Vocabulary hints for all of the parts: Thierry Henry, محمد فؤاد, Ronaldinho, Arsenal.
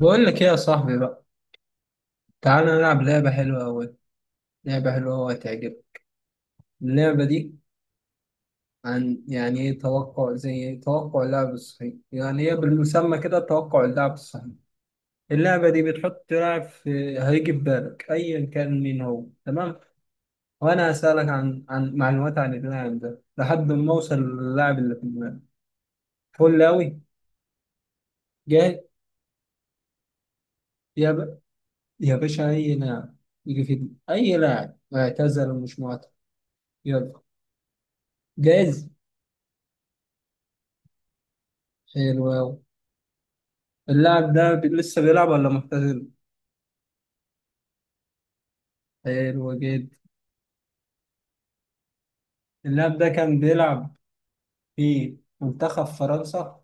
بقول لك ايه يا صاحبي بقى، تعالى نلعب لعبة حلوة أوي. هتعجبك اللعبة دي. عن يعني ايه توقع؟ زي ايه توقع اللاعب الصحيح. يعني هي بالمسمى كده توقع اللاعب الصحيح. اللعبة دي بتحط لاعب في، هيجي في بالك أيا كان مين هو، تمام؟ وأنا هسألك عن معلومات عن اللاعب ده لحد ما أوصل للاعب اللي في دماغك. فل أوي. جاهز؟ يا ب... يا باشا، أي لاعب يجي في دماغك، أي لاعب اعتزل ومش معتزل. يلا، جاهز؟ حلو أوي. اللاعب ده لسه بيلعب ولا معتزل؟ حلو جدا. اللاعب ده كان بيلعب في منتخب فرنسا.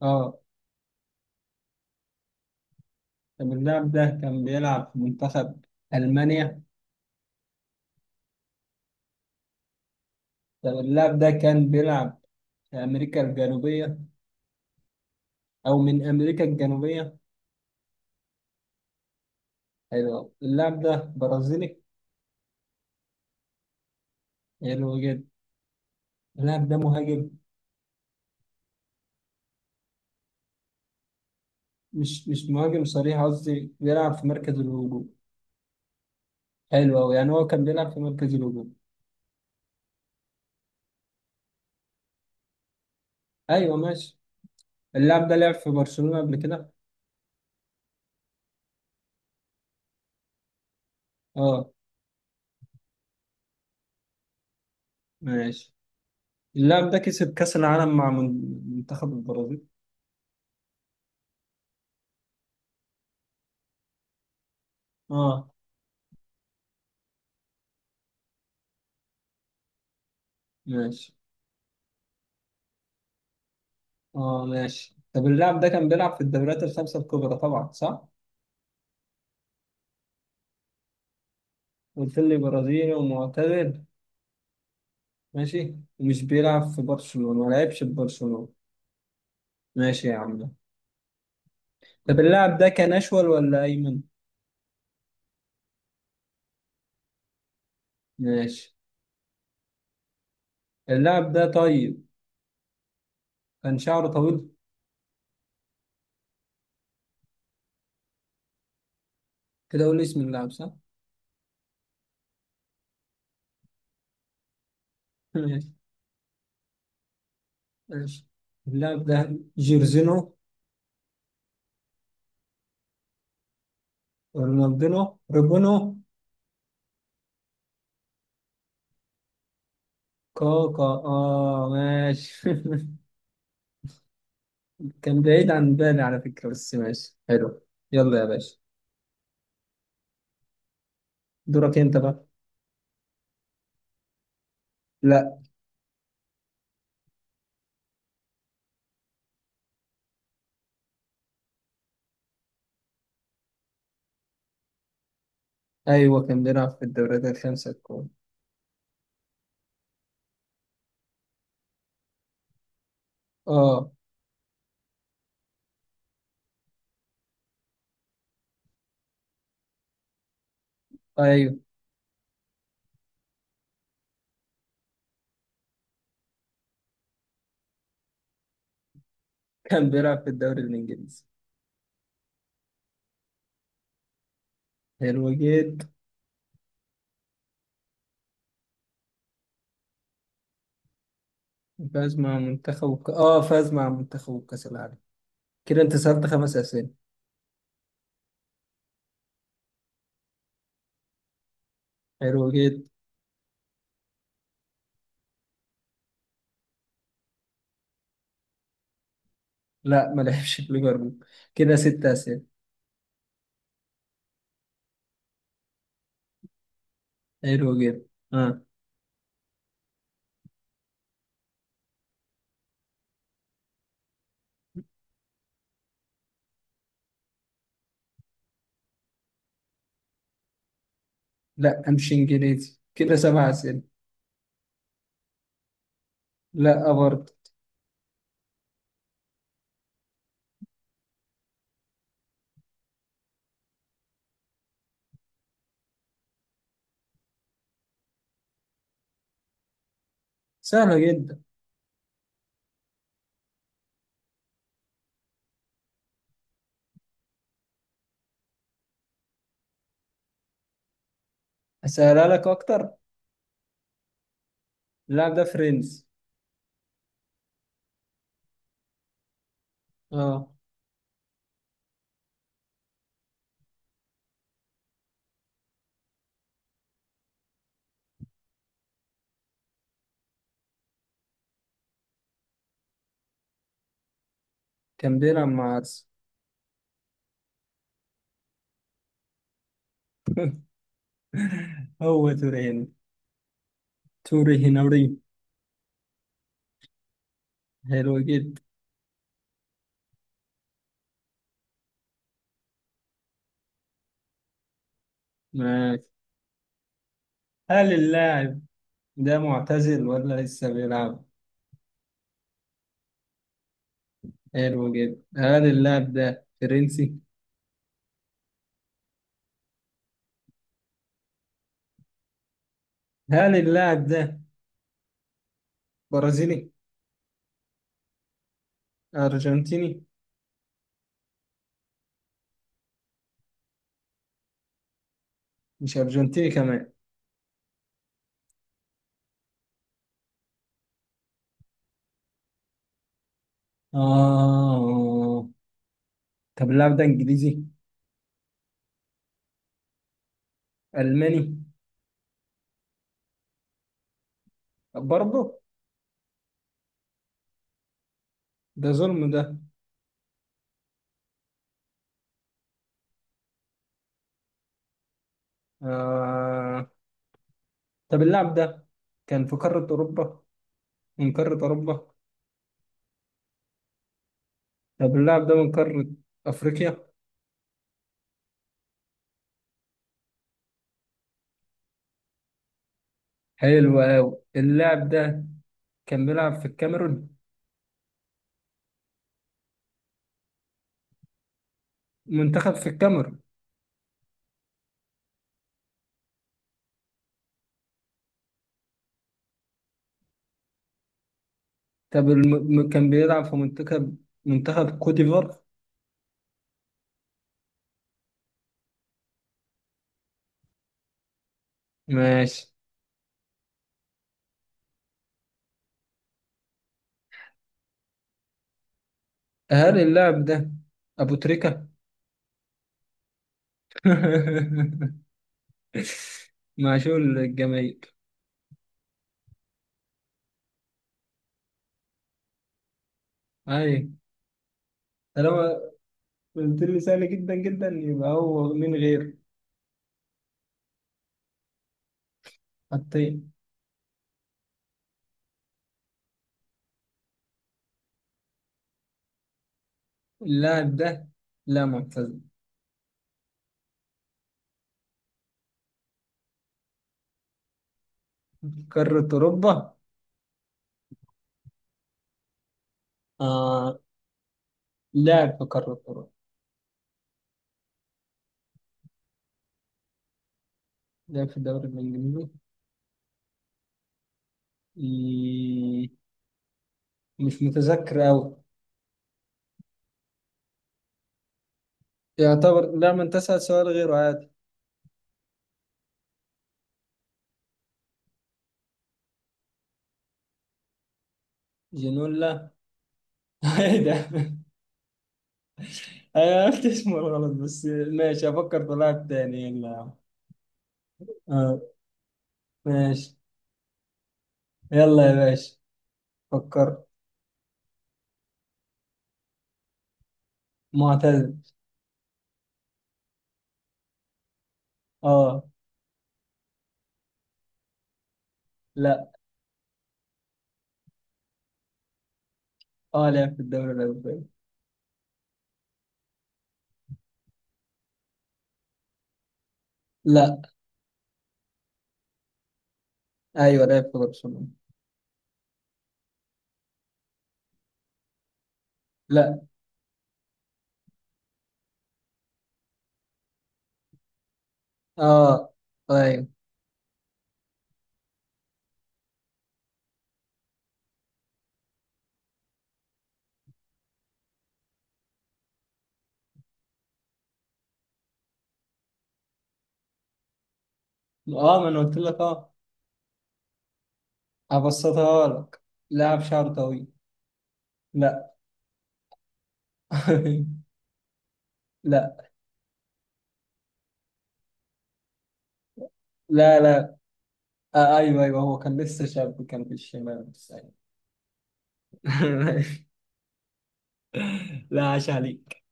اه، طب اللاعب ده كان بيلعب في منتخب ألمانيا. طب اللاعب ده كان بيلعب في أمريكا الجنوبية، أو من أمريكا الجنوبية. حلو، اللاعب ده برازيلي. حلو جدا. اللاعب ده مهاجم. مش مهاجم صريح، قصدي بيلعب في مركز الهجوم. حلو أوي، يعني هو كان بيلعب في مركز الهجوم. أيوه ماشي. اللاعب ده لعب في برشلونة قبل كده. اه ماشي. اللاعب ده كسب كأس العالم مع منتخب البرازيل. اه ماشي. اه ماشي، طب اللاعب ده كان بيلعب في الدوريات الخمسة الكبرى طبعا، صح؟ قلت لي برازيلي ومعتزل، ماشي، ومش بيلعب في برشلونة، ما لعبش في برشلونة. ماشي يا عم. طب اللاعب ده كان أشول ولا أيمن؟ ماشي. اللاعب ده طيب، كان شعره طويل. كده قول لي اسم اللاعب، صح؟ ماشي، ماشي. اللاعب ده جيرزينو. رونالدينو. ريبونو. كوكا، اه ماشي. كان بعيد عن بالي على فكرة، بس ماشي حلو. يلا يا باشا. دورك انت بقى. لا. ايوه كان بيلعب في الدوريات الخمسة الكبرى. اه. ايوه كان بيلعب في الدوري الانجليزي. حلو جدا. فاز مع اه فاز مع منتخب كأس العالم. كده انت سألت خمس اسئلة. حلو جدا. لا ما لعبش في ليفربول. كده ست اسئلة. حلو جدا. اه. لا، امشي انجليزي، كده سبع اسئلة. لا برضه. سهلة جدا. اسهلها لك اكتر. اللاعب ده فرنسي. اه. كان بيلعب مع ارسنال. هو تورين، توري هنري. حلو جدا. ماشي. هل اللاعب ده معتزل ولا لسه بيلعب؟ حلو جدا. هل اللاعب ده فرنسي؟ هل اللاعب ده برازيلي؟ ارجنتيني؟ مش ارجنتيني كمان؟ اه، طب اللاعب ده انجليزي؟ الماني؟ برضه؟ ده ظلم ده. آه. طب اللاعب ده كان في قارة أوروبا، من قارة أوروبا؟ طب اللاعب ده من قارة أفريقيا؟ حلو أوي. اللاعب ده كان بيلعب في الكاميرون؟ منتخب في الكاميرون؟ طب كان بيلعب في منتخب كوت ديفوار؟ ماشي. هل اللاعب ده أبو تريكة؟ معشوق الجماهير. أي. طالما قلت لي سهل جدا جدا، يبقى هو مين غير. حطين. اللاعب ده لا، معتزل. قارة أوروبا؟ آه، لعب في قارة أوروبا. لعب في الدوري الإنجليزي. إيه، مش متذكر أوي. يعتبر لا، من تسأل سؤال غيره عادي. جنولا. ايه ده. انا عرفت اسمه غلط، بس ماشي افكر في لاعب تاني يلا. آه ماشي. يلا يا باشا، فكر. معتزل. اه. لا. اه لعب في الدوري الأوروبي. لا. ايوه لعب في برشلونة. لا. اه. ايوه. اه ما انا قلت لك، اه. أبسطها لك، لاعب شعره طويل. لا. لا. لا. لا، آه أيوه أيوه، هو كان لسه شاب، كان في الشمال، بس أيوة. لا، عاش عليك.